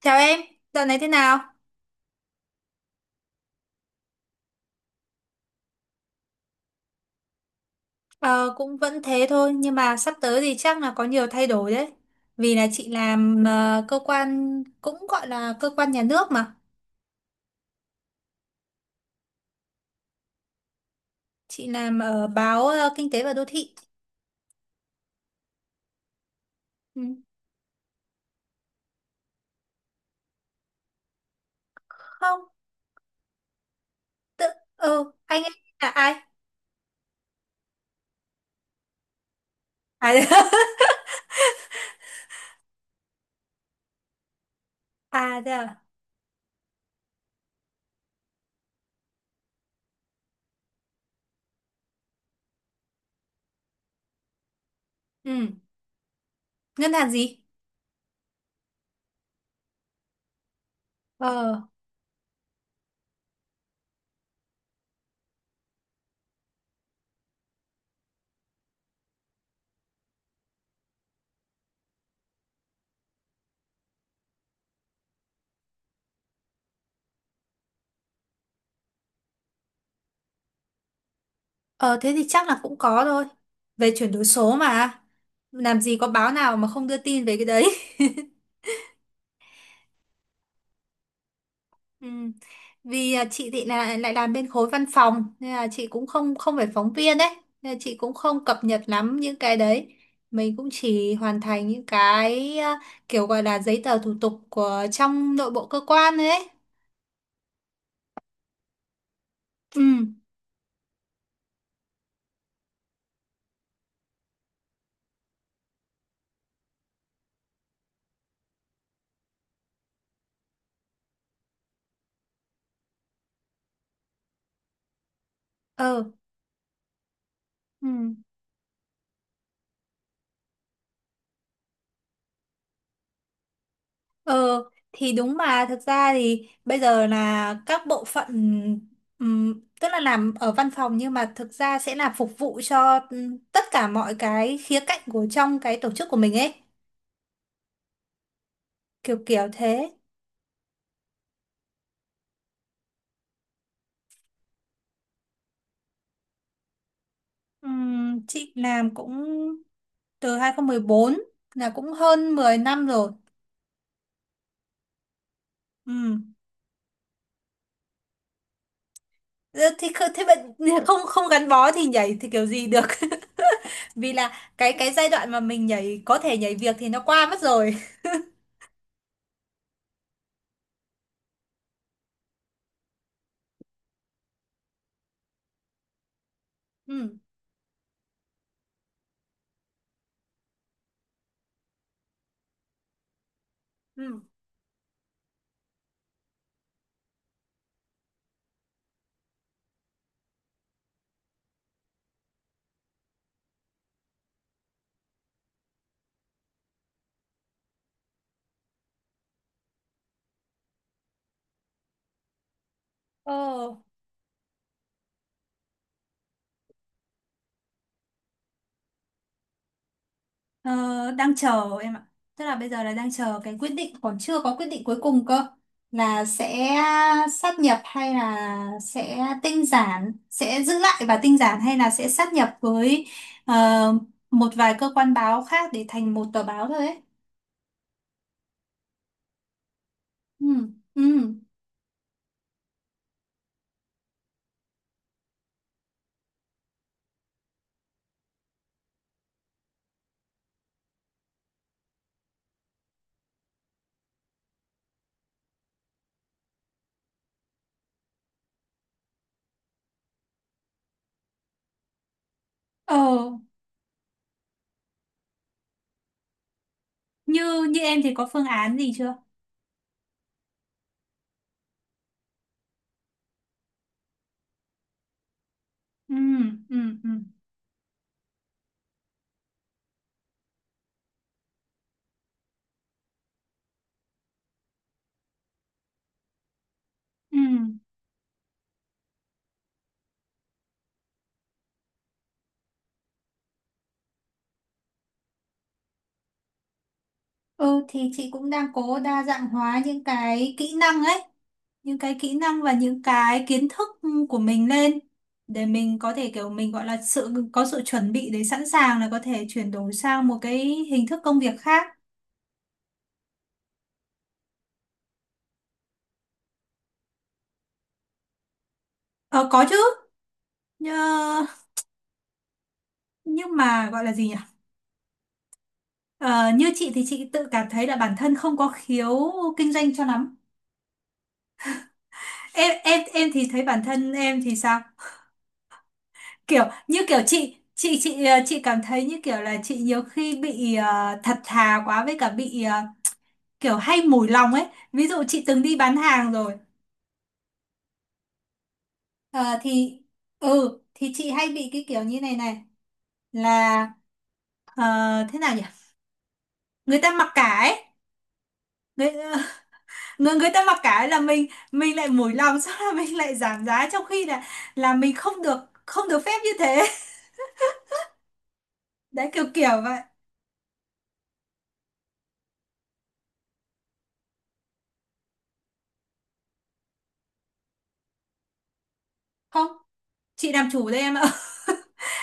Chào em, dạo này thế nào? Ờ, cũng vẫn thế thôi, nhưng mà sắp tới thì chắc là có nhiều thay đổi đấy. Vì là chị làm cơ quan, cũng gọi là cơ quan nhà nước mà. Chị làm ở báo Kinh tế và Đô thị. Ừ. Không, tự, anh ấy là ai? À. À thế à? Ừ, ngân hàng gì? Ờ, ờ, thế thì chắc là cũng có thôi. Về chuyển đổi số mà. Làm gì có báo nào mà không đưa tin về cái đấy. Ừ. Vì chị thì là lại làm bên khối văn phòng, nên là chị cũng không không phải phóng viên đấy, nên là chị cũng không cập nhật lắm những cái đấy, mình cũng chỉ hoàn thành những cái kiểu gọi là giấy tờ thủ tục của trong nội bộ cơ quan đấy. Ừ. Ờ. Ừ. Ờ, thì đúng mà, thực ra thì bây giờ là các bộ phận, tức là làm ở văn phòng nhưng mà thực ra sẽ là phục vụ cho tất cả mọi cái khía cạnh của trong cái tổ chức của mình ấy, kiểu kiểu thế. Chị làm cũng từ 2014, là cũng hơn 10 năm rồi. Ừm. Ờ, thì thế bạn, không không gắn bó thì nhảy thì kiểu gì được. Vì là cái giai đoạn mà mình nhảy có thể nhảy việc thì nó qua mất rồi. Ừm. Ừm. Ờ. Ờ, đang chờ em ạ. Tức là bây giờ là đang chờ cái quyết định, còn chưa có quyết định cuối cùng cơ, là sẽ sát nhập hay là sẽ tinh giản, sẽ giữ lại và tinh giản, hay là sẽ sát nhập với ờ, một vài cơ quan báo khác để thành một tờ báo thôi ấy. Ừ, ừ. Ờ, như như em thì có phương án gì chưa? Ừ, ừ, ừ. Ừ. Ừ, thì chị cũng đang cố đa dạng hóa những cái kỹ năng ấy, những cái kỹ năng và những cái kiến thức của mình lên, để mình có thể kiểu mình gọi là sự có sự chuẩn bị để sẵn sàng là có thể chuyển đổi sang một cái hình thức công việc khác. Ờ, có chứ, nhưng, nhưng mà gọi là gì nhỉ, ờ, như chị thì chị tự cảm thấy là bản thân không có khiếu kinh doanh cho lắm. Em thì thấy bản thân em thì sao? Kiểu như kiểu chị cảm thấy như kiểu là chị nhiều khi bị thật thà quá, với cả bị kiểu hay mùi lòng ấy. Ví dụ chị từng đi bán hàng rồi. Ờ, thì ừ, thì chị hay bị cái kiểu như này này, là ờ, thế nào nhỉ, người ta mặc cả ấy. người, người người ta mặc cả ấy là mình lại mùi lòng, sau là mình lại giảm giá, trong khi là mình không được phép như thế. Đấy, kiểu kiểu vậy. Không, chị làm chủ đây em ạ.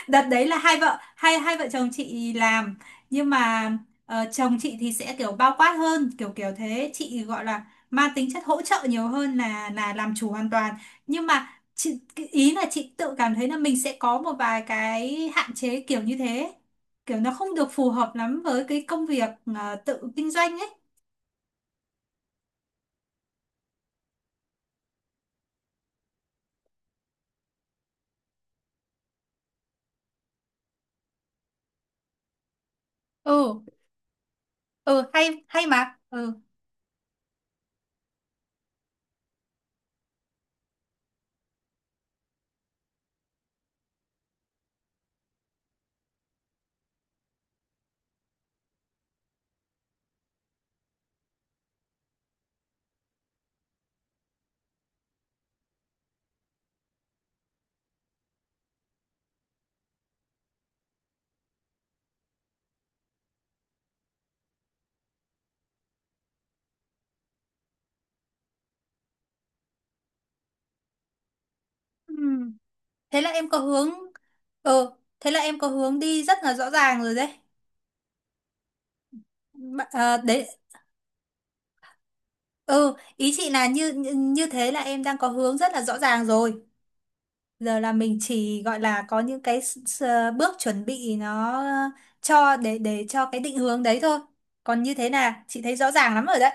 Đợt đấy là hai vợ chồng chị làm, nhưng mà chồng chị thì sẽ kiểu bao quát hơn, kiểu kiểu thế, chị gọi là mang tính chất hỗ trợ nhiều hơn là làm chủ hoàn toàn. Nhưng mà cái ý là chị tự cảm thấy là mình sẽ có một vài cái hạn chế kiểu như thế, kiểu nó không được phù hợp lắm với cái công việc tự kinh doanh ấy. Ừ. Ừ hay hay mà. Ừ. Ừ, thế là em có hướng. Ừ, thế là em có hướng đi rất là rõ ràng rồi đấy. Đấy. Ừ, ý chị là như như như thế là em đang có hướng rất là rõ ràng rồi, giờ là mình chỉ gọi là có những cái bước chuẩn bị nó, cho để cho cái định hướng đấy thôi, còn như thế là chị thấy rõ ràng lắm rồi đấy.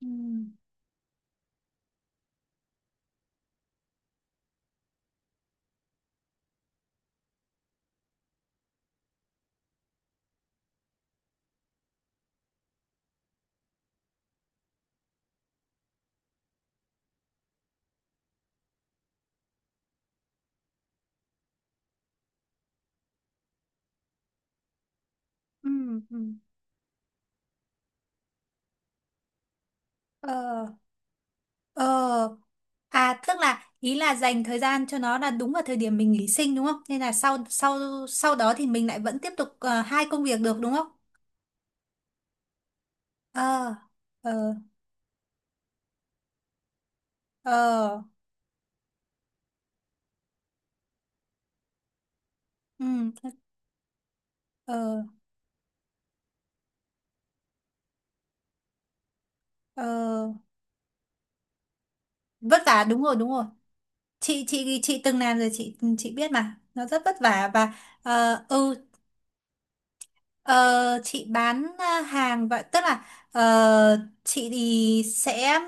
Ừ. Ừ. Ừ. Ờ, ờ. À, tức là ý là dành thời gian cho nó là đúng vào thời điểm mình nghỉ sinh đúng không? Nên là sau sau sau đó thì mình lại vẫn tiếp tục hai công việc được đúng không? Ờ. Ờ. Ờ. Ừ. Ờ. Ờ. Vất vả đúng rồi, đúng rồi. Chị từng làm rồi, chị biết mà. Nó rất vất vả và ờ. Ừ. Ờ, chị bán hàng vậy, tức là ờ, chị thì sẽ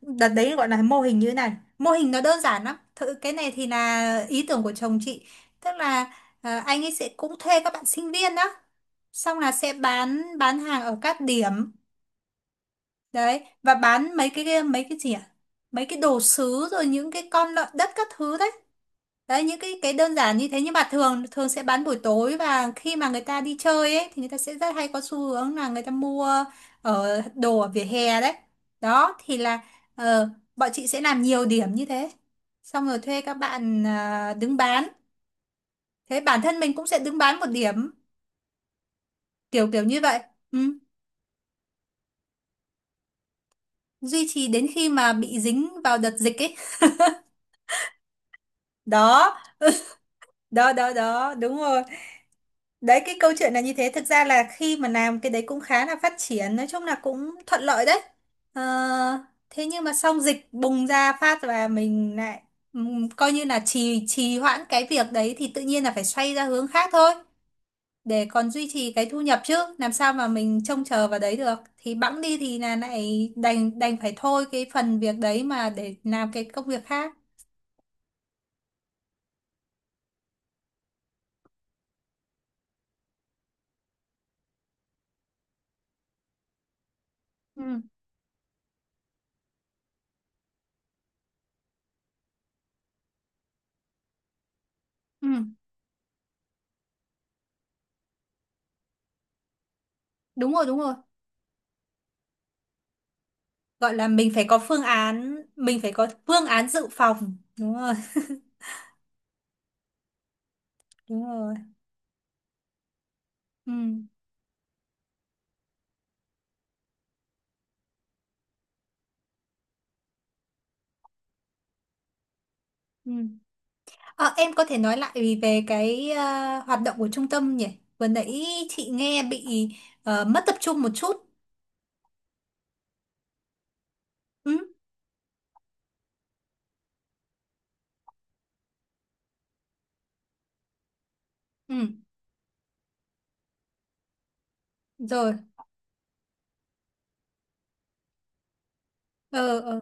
đợt đấy gọi là mô hình như thế này, mô hình nó đơn giản lắm, thử cái này thì là ý tưởng của chồng chị, tức là anh ấy sẽ cũng thuê các bạn sinh viên đó, xong là sẽ bán hàng ở các điểm đấy, và bán mấy cái gì ạ, mấy cái đồ sứ rồi những cái con lợn đất các thứ đấy. Đấy, những cái đơn giản như thế, nhưng mà thường thường sẽ bán buổi tối, và khi mà người ta đi chơi ấy thì người ta sẽ rất hay có xu hướng là người ta mua ở đồ ở vỉa hè đấy. Đó thì là ờ, bọn chị sẽ làm nhiều điểm như thế. Xong rồi thuê các bạn đứng bán. Thế bản thân mình cũng sẽ đứng bán một điểm, kiểu kiểu như vậy. Ừ. Duy trì đến khi mà bị dính vào đợt dịch ấy. Đó, đó, đó, đó, đúng rồi. Đấy, cái câu chuyện là như thế, thực ra là khi mà làm cái đấy cũng khá là phát triển, nói chung là cũng thuận lợi đấy, ờ, thế nhưng mà xong dịch bùng ra phát và mình lại coi như là trì trì hoãn cái việc đấy, thì tự nhiên là phải xoay ra hướng khác thôi, để còn duy trì cái thu nhập, chứ làm sao mà mình trông chờ vào đấy được, thì bẵng đi thì là lại đành đành phải thôi cái phần việc đấy mà để làm cái công việc khác. Ừ, ừ. Đúng rồi, đúng rồi. Gọi là mình phải có phương án mình phải có phương án dự phòng đúng rồi. Đúng rồi. Ừ. Ừ. Ờ, em có thể nói lại về cái hoạt động của trung tâm nhỉ, vừa nãy chị nghe bị mất tập trung một chút. Ừ. Ừ. Rồi. Ờ. Ờ.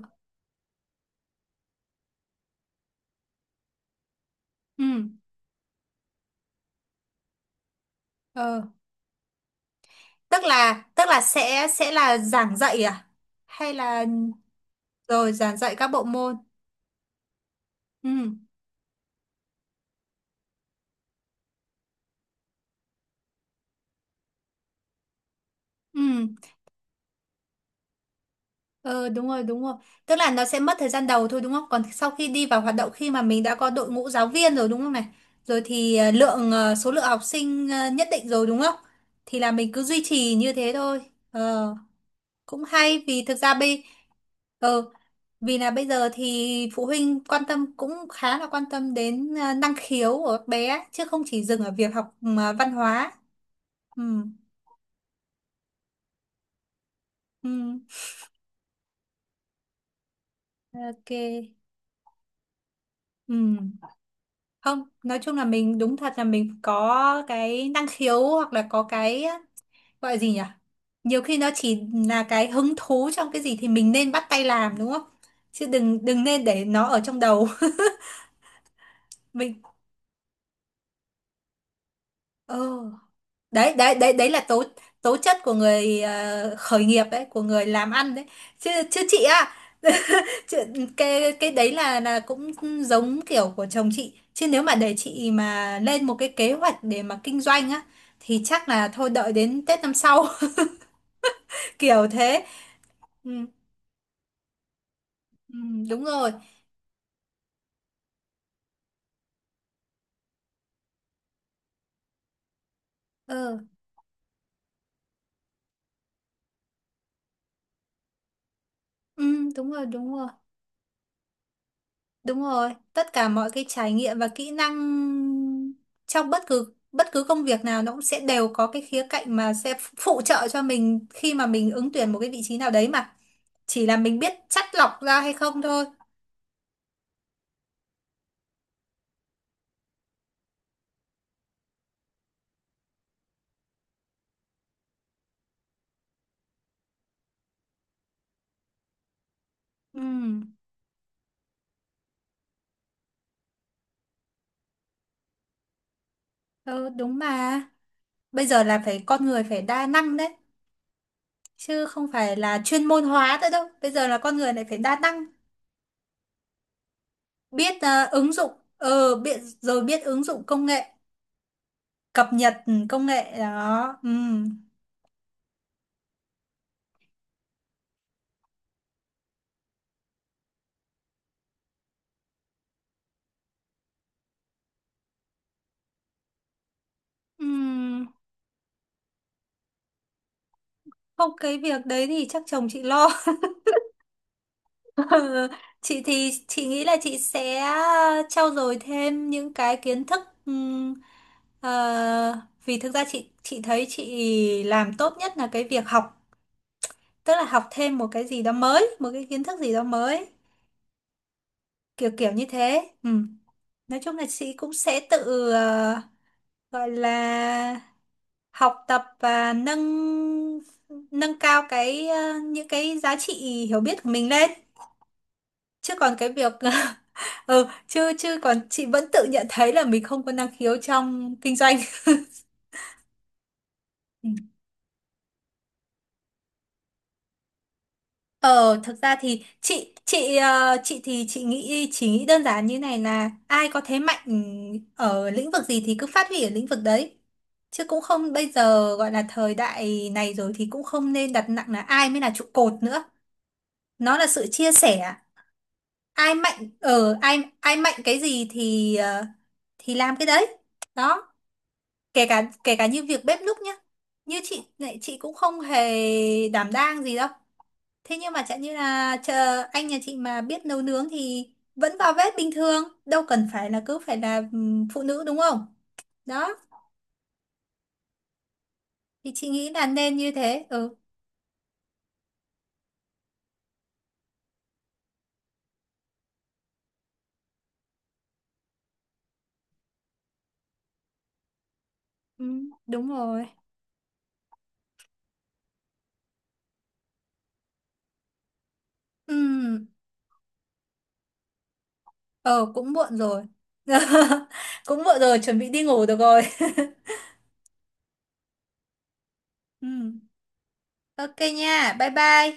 Ừ. Ờ. Tức là sẽ là giảng dạy, à, hay là, rồi giảng dạy các bộ môn. Ừ. Ừ. Ờ, đúng rồi, đúng rồi. Tức là nó sẽ mất thời gian đầu thôi đúng không? Còn sau khi đi vào hoạt động, khi mà mình đã có đội ngũ giáo viên rồi đúng không này, rồi thì số lượng học sinh nhất định rồi đúng không, thì là mình cứ duy trì như thế thôi. Ờ, cũng hay, vì thực ra ờ, vì là bây giờ thì phụ huynh quan tâm cũng khá là quan tâm đến năng khiếu của các bé ấy, chứ không chỉ dừng ở việc học văn hóa. Ừ, ừ, ok, ừ. Không, nói chung là mình đúng thật là mình có cái năng khiếu hoặc là có cái gọi là gì nhỉ, nhiều khi nó chỉ là cái hứng thú trong cái gì thì mình nên bắt tay làm đúng không, chứ đừng đừng nên để nó ở trong đầu. Mình. Ờ. Đấy, đấy, đấy, đấy là tố tố chất của người khởi nghiệp đấy, của người làm ăn đấy, chứ chứ chị á. Cái đấy là cũng giống kiểu của chồng chị, chứ nếu mà để chị mà lên một cái kế hoạch để mà kinh doanh á thì chắc là thôi, đợi đến Tết năm sau. Kiểu thế. Ừ, ừ, đúng rồi. Ừ, ừ, đúng rồi, đúng rồi, đúng rồi, tất cả mọi cái trải nghiệm và kỹ năng trong bất cứ công việc nào nó cũng sẽ đều có cái khía cạnh mà sẽ phụ trợ cho mình khi mà mình ứng tuyển một cái vị trí nào đấy mà, chỉ là mình biết chắt lọc ra hay không thôi. Ừ. Ừ, đúng mà. Bây giờ là con người phải đa năng đấy, chứ không phải là chuyên môn hóa nữa đâu. Bây giờ là con người lại phải đa năng, biết ứng dụng, biết rồi biết ứng dụng công nghệ, cập nhật công nghệ đó. Ừ. Ừ. Không, cái việc đấy thì chắc chồng chị lo. Ừ, chị thì chị nghĩ là chị sẽ trau dồi thêm những cái kiến thức, ừm, vì thực ra chị thấy chị làm tốt nhất là cái việc học, tức là học thêm một cái gì đó mới, một cái kiến thức gì đó mới, kiểu kiểu như thế. Ừ. Nói chung là chị cũng sẽ tự gọi là học tập và nâng nâng cao cái những cái giá trị hiểu biết của mình lên, chứ còn cái việc ừ, chứ chứ còn chị vẫn tự nhận thấy là mình không có năng khiếu trong kinh doanh. Ừ. Ờ, thực ra thì chị thì chị nghĩ chỉ nghĩ đơn giản như này, là ai có thế mạnh ở lĩnh vực gì thì cứ phát huy ở lĩnh vực đấy. Chứ cũng không, bây giờ gọi là thời đại này rồi thì cũng không nên đặt nặng là ai mới là trụ cột nữa. Nó là sự chia sẻ. Ai mạnh ở ai ai mạnh cái gì thì thì làm cái đấy. Đó, kể cả như việc bếp núc nhá. Như chị này, chị cũng không hề đảm đang gì đâu, thế nhưng mà chẳng như là chờ anh nhà chị mà biết nấu nướng thì vẫn vào bếp bình thường, đâu cần phải là cứ phải là phụ nữ đúng không? Đó, thì chị nghĩ là nên như thế. Ừ, ừ, đúng rồi. Ừ, ờ cũng muộn rồi. Cũng muộn rồi, chuẩn bị đi ngủ được rồi. Ừ, ok nha, bye bye.